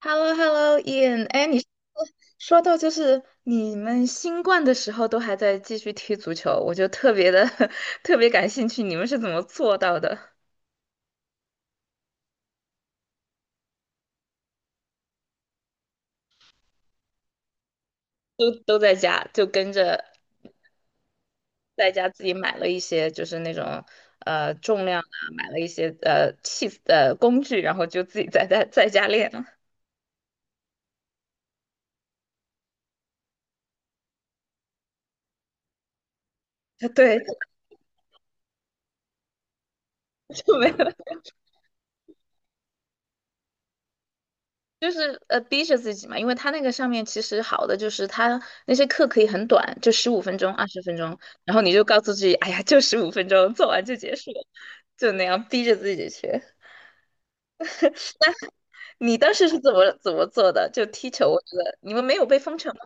h e l l o h e l l o i a n 哎，你说到就是你们新冠的时候都还在继续踢足球，我就特别的 特别感兴趣，你们是怎么做到的？都在家就跟着在家自己买了一些就是那种重量啊，买了一些器工具，然后就自己在家练了。对，就没有就是逼着自己嘛，因为它那个上面其实好的就是它那些课可以很短，就十五分钟、20分钟，然后你就告诉自己，哎呀，就十五分钟，做完就结束了就那样逼着自己去。你当时是怎么做的？就踢球，我觉得你们没有被封城吗？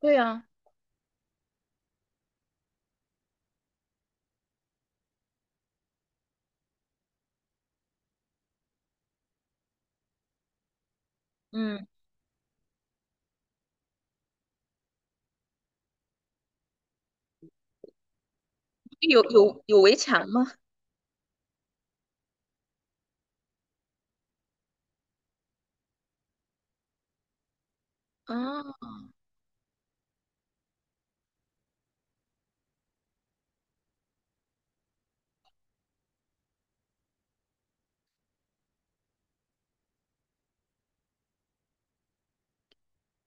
对啊，嗯，有有有围墙吗？啊，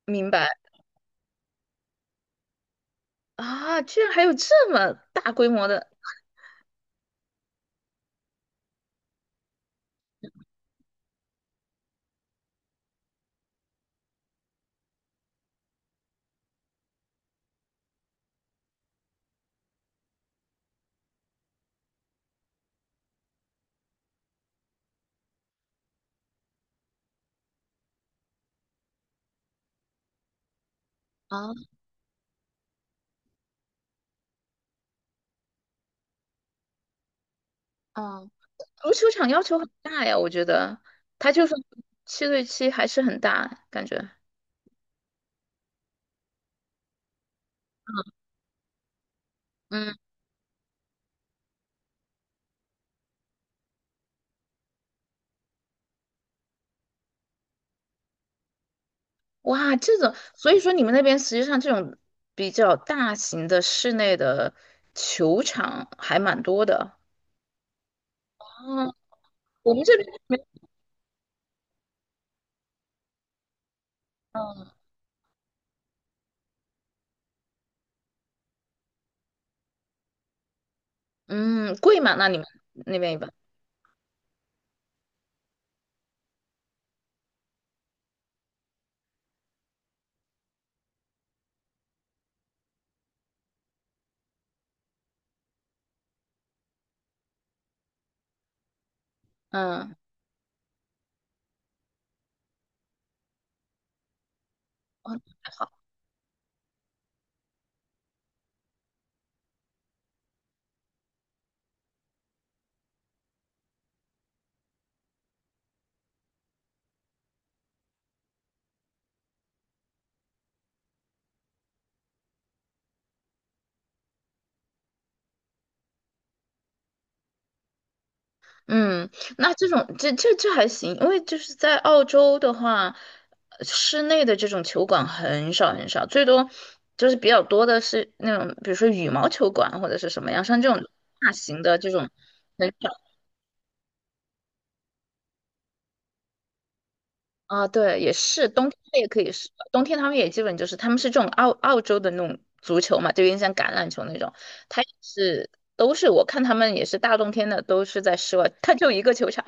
明白。啊，居然还有这么大规模的。啊啊！足球场要求很大呀，我觉得它就算7对7还是很大感觉。嗯，哇，这种，所以说你们那边实际上这种比较大型的室内的球场还蛮多的。哦，我们这边，嗯。嗯，贵吗？那你们那边一般？嗯，哦还好。嗯，那这种这还行，因为就是在澳洲的话，室内的这种球馆很少很少，最多就是比较多的是那种，比如说羽毛球馆或者是什么样，像这种大型的这种很少。啊，对，也是冬天它也可以是，冬天他们也基本就是他们是这种澳洲的那种足球嘛，就有点像橄榄球那种，他也是都是我看他们也是大冬天的都是在室外，他就一个球场，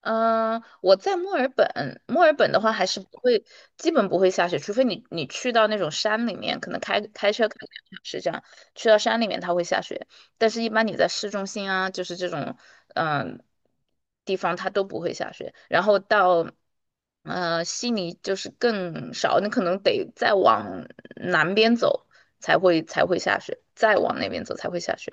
嗯，我在墨尔本，墨尔本的话还是不会，基本不会下雪，除非你你去到那种山里面，可能开车开2个小时这样，去到山里面它会下雪，但是一般你在市中心啊，就是这种嗯地方它都不会下雪，然后到悉尼就是更少，你可能得再往南边走才会下雪，再往那边走才会下雪。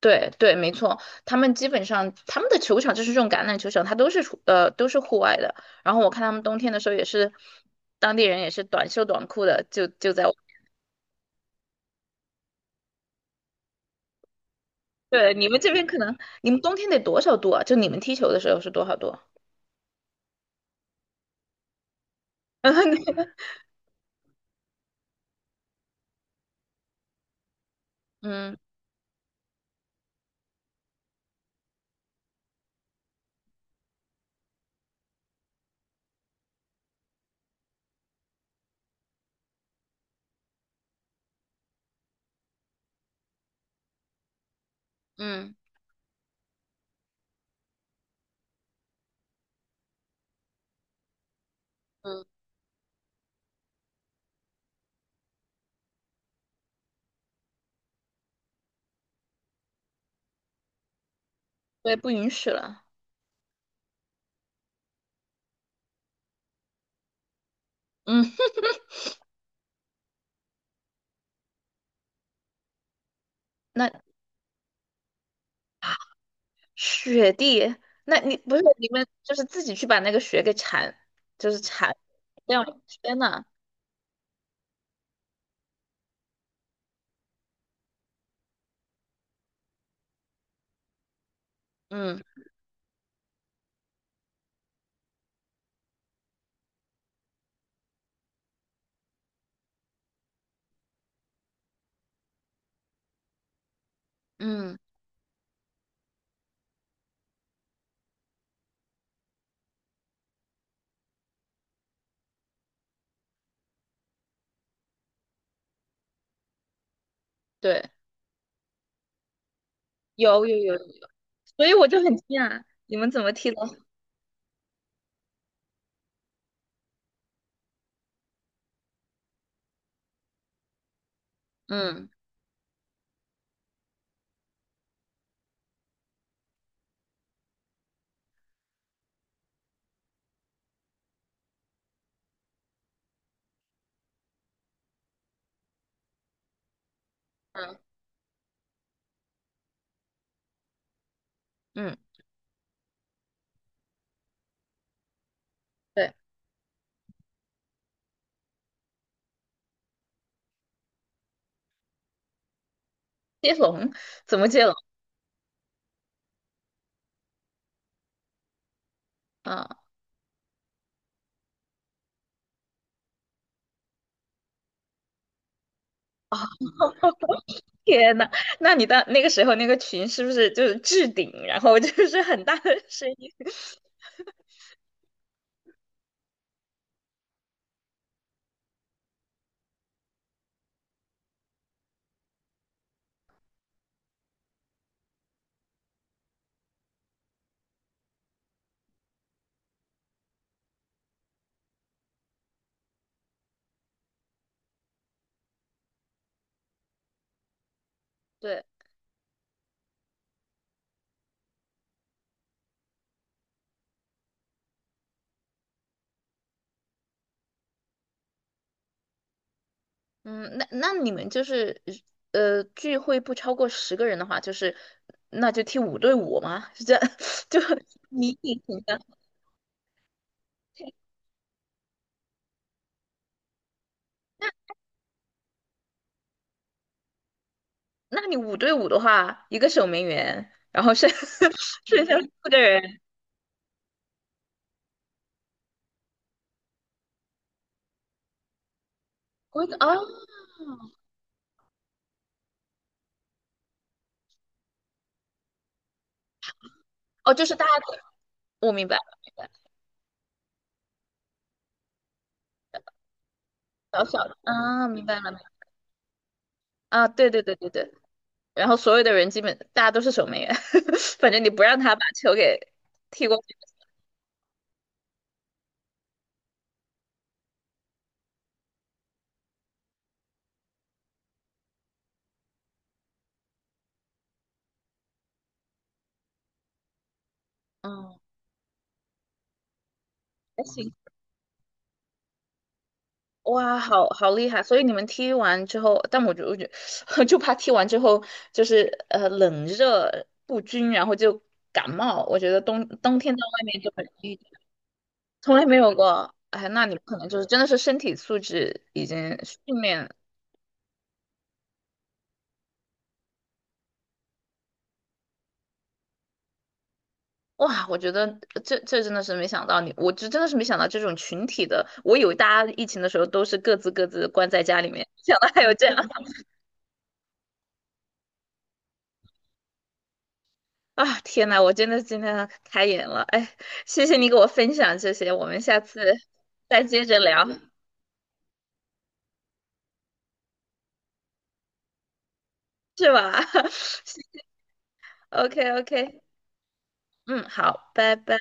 对对，没错，他们基本上他们的球场就是这种橄榄球场，它都是都是户外的。然后我看他们冬天的时候也是，当地人也是短袖短裤的，就在。对，你们这边可能你们冬天得多少度啊？就你们踢球的时候是多少度？嗯嗯嗯，对，不允许了。嗯，那雪地，那你不是你们就是自己去把那个雪给铲，就是铲掉？天呐，嗯嗯，对，有有有。所以我就很惊讶，你们怎么踢龙？嗯嗯，嗯，对，接龙怎么接龙？啊。哦，天呐，那你的那个时候那个群是不是就是置顶，然后就是很大的声音？对，嗯，那那你们就是聚会不超过10个人的话，就是那就踢五对五吗？是这样，就你的，那你五对五的话，一个守门员，然后剩 剩下4个人，我哦。哦，就是大家。我明白了，明白了，小小的啊，明白了，明白了。啊，对对对对对，然后所有的人基本大家都是守门员，反正你不让他把球给踢过去，嗯，还行，哇，好好厉害！所以你们踢完之后，但我就 就怕踢完之后就是冷热不均，然后就感冒。我觉得冬天到外面就很容易，从来没有过。哎，那你们可能就是真的是身体素质已经训练。哇，我觉得这这真的是没想到你，我就真的是没想到这种群体的。我以为大家疫情的时候都是各自关在家里面，没想到还有这样 啊！天呐，我真的今天开眼了，哎，谢谢你给我分享这些，我们下次再接着聊，是吧 ？OK OK,嗯，好，拜拜。